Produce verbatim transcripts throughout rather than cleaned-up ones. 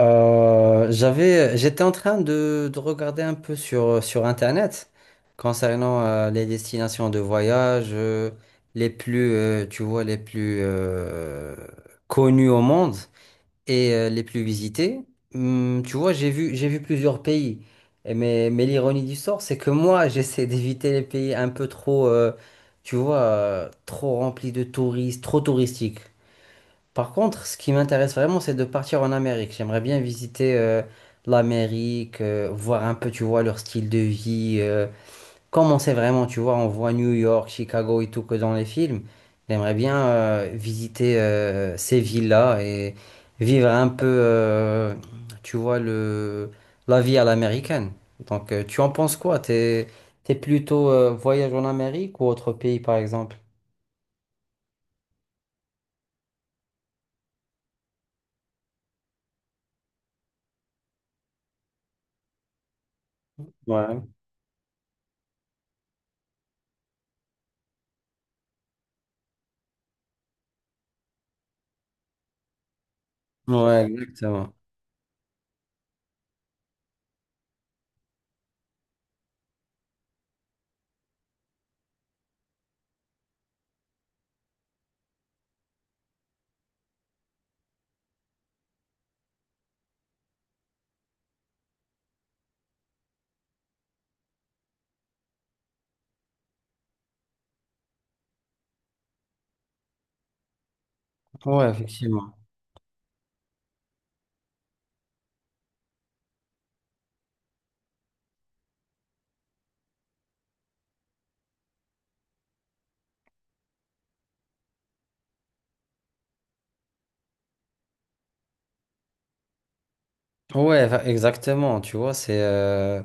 Euh, j'avais, j'étais en train de, de regarder un peu sur, sur Internet concernant euh, les destinations de voyage euh, les plus, euh, tu vois, les plus euh, connues au monde et euh, les plus visitées. Hum, tu vois, j'ai vu, j'ai vu plusieurs pays. Et mais mais l'ironie du sort, c'est que moi, j'essaie d'éviter les pays un peu trop, euh, tu vois, euh, trop remplis de touristes, trop touristiques. Par contre, ce qui m'intéresse vraiment, c'est de partir en Amérique. J'aimerais bien visiter euh, l'Amérique, euh, voir un peu, tu vois, leur style de vie, euh, comment c'est vraiment, tu vois, on voit New York, Chicago et tout que dans les films. J'aimerais bien euh, visiter euh, ces villes-là et vivre un peu, euh, tu vois, le, la vie à l'américaine. Donc, euh, tu en penses quoi? T'es, t'es plutôt euh, voyage en Amérique ou autre pays, par exemple? Ouais. Ouais, exactement. Ouais, effectivement. Ouais, va- exactement, tu vois, c'est euh,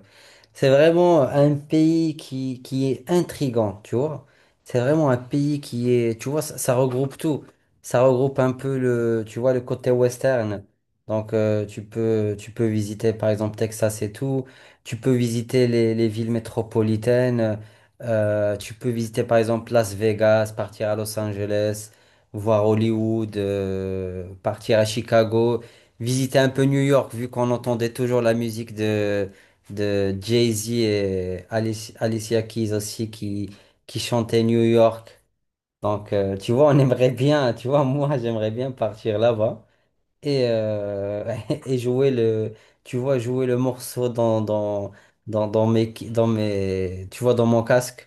c'est vraiment un pays qui, qui est intrigant, tu vois. C'est vraiment un pays qui est, tu vois, ça, ça regroupe tout. Ça regroupe un peu le, tu vois, le côté western. Donc, euh, tu peux, tu peux visiter, par exemple, Texas et tout. Tu peux visiter les, les villes métropolitaines. Euh, tu peux visiter, par exemple, Las Vegas, partir à Los Angeles, voir Hollywood, euh, partir à Chicago, visiter un peu New York, vu qu'on entendait toujours la musique de de Jay-Z et Alici- Alicia Keys aussi qui, qui chantaient New York. Donc, euh, tu vois, on aimerait bien, tu vois, moi, j'aimerais bien partir là-bas et, euh, et jouer le, tu vois, jouer le morceau dans, dans, dans, dans mes, dans mes, tu vois, dans mon casque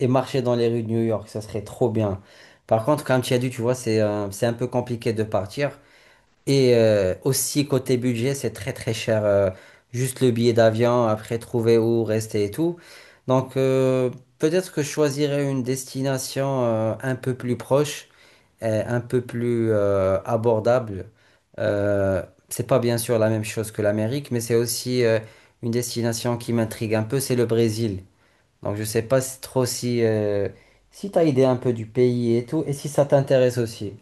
et marcher dans les rues de New York. Ça serait trop bien. Par contre, comme tu as dit, tu vois, c'est, euh, c'est un peu compliqué de partir. Et euh, aussi côté budget, c'est très très cher. euh, juste le billet d'avion, après trouver où rester et tout. Donc euh, peut-être que je choisirais une destination euh, un peu plus proche, et un peu plus euh, abordable. Euh, c'est pas bien sûr la même chose que l'Amérique, mais c'est aussi euh, une destination qui m'intrigue un peu, c'est le Brésil. Donc je sais pas si- trop si, euh, si tu as idée un peu du pays et tout, et si ça t'intéresse aussi.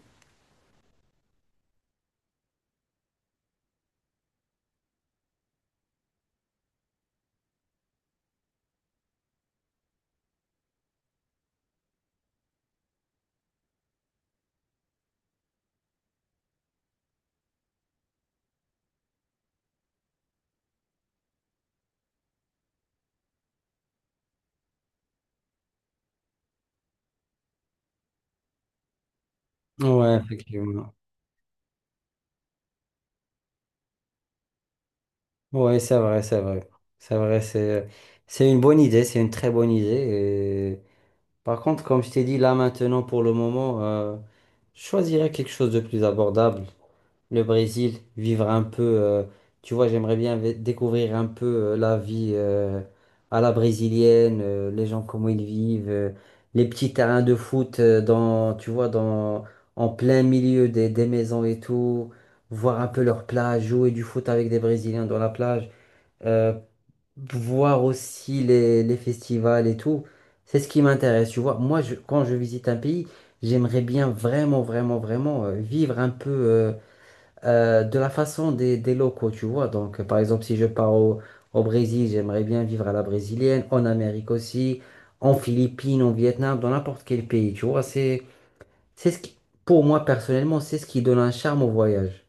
Ouais, effectivement. Oui, c'est vrai, c'est vrai. C'est vrai, c'est c'est une bonne idée, c'est une très bonne idée. Et par contre, comme je t'ai dit, là maintenant, pour le moment, euh, je choisirais quelque chose de plus abordable. Le Brésil, vivre un peu, euh, tu vois, j'aimerais bien vé- découvrir un peu euh, la vie euh, à la brésilienne, euh, les gens comment ils vivent, euh, les petits terrains de foot euh, dans, tu vois, dans, en plein milieu des, des maisons et tout, voir un peu leur plage, jouer du foot avec des Brésiliens dans la plage euh, voir aussi les, les festivals et tout. C'est ce qui m'intéresse, tu vois. Moi, je- quand je visite un pays, j'aimerais bien vraiment, vraiment, vraiment euh, vivre un peu euh, euh, de la façon des, des locaux, tu vois. Donc, euh, par exemple, si je pars au, au Brésil, j'aimerais bien vivre à la brésilienne, en Amérique aussi, en Philippines, en Vietnam, dans n'importe quel pays, tu vois. C'est, c'est ce qui, pour moi, personnellement, c'est ce qui donne un charme au voyage.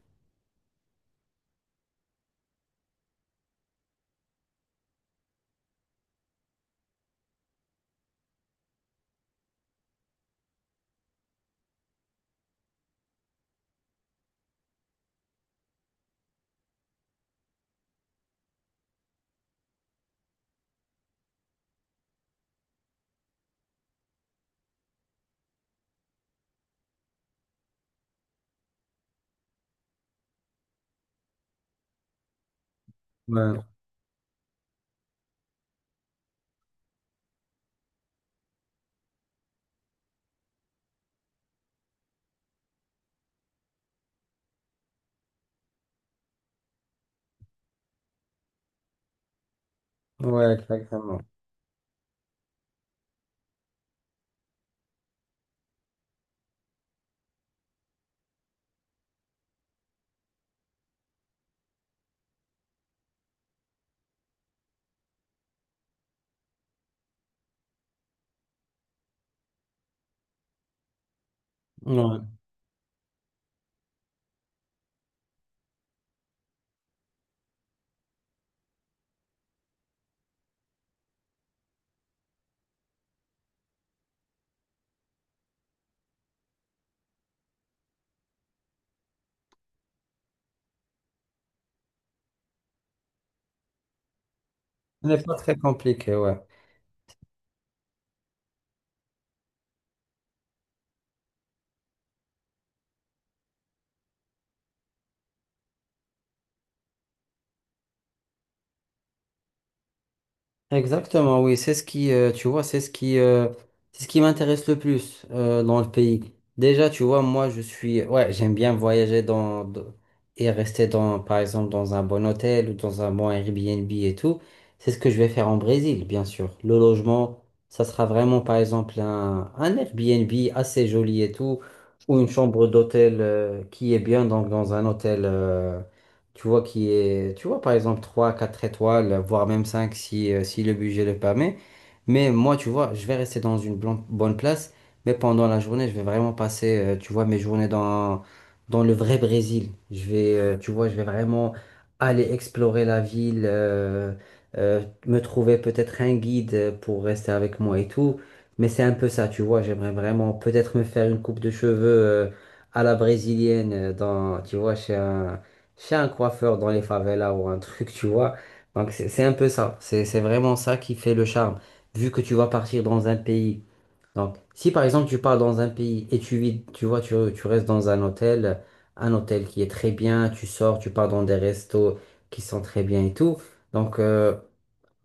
Ouais, ouais, exactement. Ouais. Ce n'est pas très compliqué, ouais. Exactement, oui, c'est ce qui, euh, tu vois, c'est ce qui, euh, c'est ce qui m'intéresse le plus euh, dans le pays. Déjà, tu vois, moi, je suis, ouais, j'aime bien voyager dans, de- et rester dans, par exemple, dans un bon hôtel ou dans un bon Airbnb et tout. C'est ce que je vais faire en Brésil, bien sûr. Le logement, ça sera vraiment, par exemple, un, un Airbnb assez joli et tout, ou une chambre d'hôtel euh, qui est bien, donc dans un hôtel. euh, tu vois, qui est, tu vois, par exemple, trois quatre étoiles, voire même cinq si, euh, si le budget le permet. Mais moi, tu vois, je vais rester dans une blan- bonne place, mais pendant la journée, je vais vraiment passer, euh, tu vois, mes journées dans, dans le vrai Brésil. Je vais, euh, tu vois, je vais vraiment aller explorer la ville, euh, euh, me trouver peut-être un guide euh, pour rester avec moi et tout. Mais c'est un peu ça, tu vois, j'aimerais vraiment peut-être me faire une coupe de cheveux, euh, à la brésilienne, euh, dans, tu vois, chez un, chez un coiffeur dans les favelas ou un truc, tu vois. Donc c'est c'est un peu ça, c'est c'est vraiment ça qui fait le charme vu que tu vas partir dans un pays. Donc, si par exemple tu pars dans un pays et tu vis, tu vois, tu, tu restes dans un hôtel, un hôtel qui est très bien, tu sors, tu pars dans des restos qui sont très bien et tout. Donc, euh,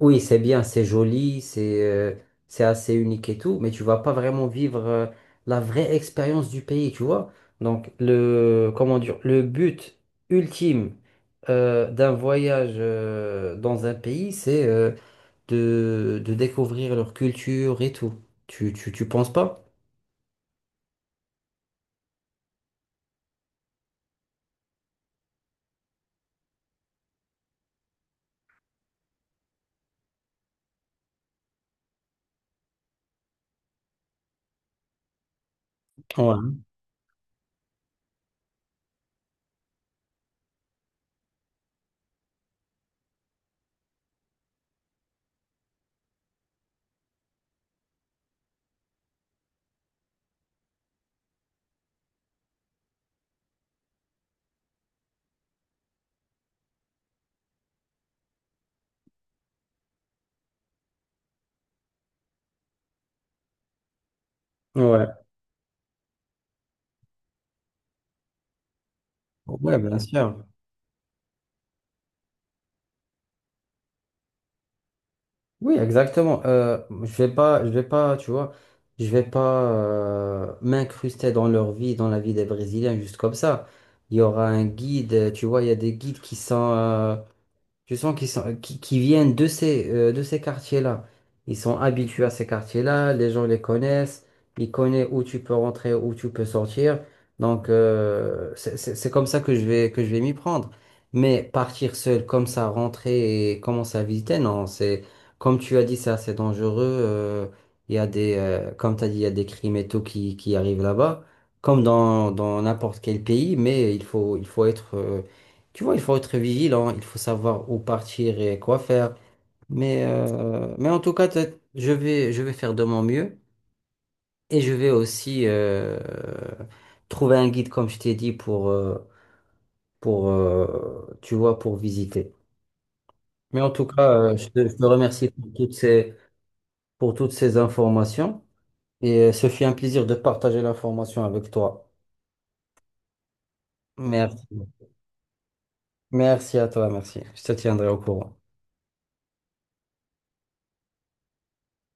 oui, c'est bien, c'est joli, c'est euh, c'est assez unique et tout, mais tu vas pas vraiment vivre euh, la vraie expérience du pays, tu vois. Donc, le, comment dire, le but ultime euh, d'un voyage euh, dans un pays, c'est euh, de, de découvrir leur culture et tout. Tu, tu, tu penses pas? Ouais, ouais, ouais, bien sûr. Oui, exactement. Euh, je vais pas, je vais pas, tu vois, je vais pas euh, m'incruster dans leur vie, dans la vie des Brésiliens, juste comme ça. Il y aura un guide, euh, tu vois, il y a des guides qui sont, euh, Je sens qu'ils sont, qui, qui viennent de ces, euh, de ces quartiers-là. Ils sont habitués à ces quartiers-là, les gens les connaissent, ils connaissent où tu peux rentrer, où tu peux sortir. Donc, euh, c'est c'est- c'est comme ça que je vais, que je vais m'y prendre. Mais partir seul comme ça, rentrer et commencer à visiter, non, c'est, comme tu as dit, c'est assez dangereux. euh, Il y a des, euh, comme tu as dit, il y a des crimes et tout qui, qui arrivent là-bas, comme dans, dans n'importe quel pays, mais il faut, il faut être, euh, tu vois, il faut être vigilant, il faut savoir où partir et quoi faire. Mais, euh, mais en tout cas, t'as- je vais, je vais faire de mon mieux et je vais aussi euh, trouver un guide, comme je t'ai dit, pour, euh, pour, euh, tu vois, pour visiter. Mais en tout cas, euh, je te, je te remercie pour toutes ces, pour toutes ces informations et euh, ce fut un plaisir de partager l'information avec toi. Merci. Merci à toi, merci. Je te tiendrai au courant.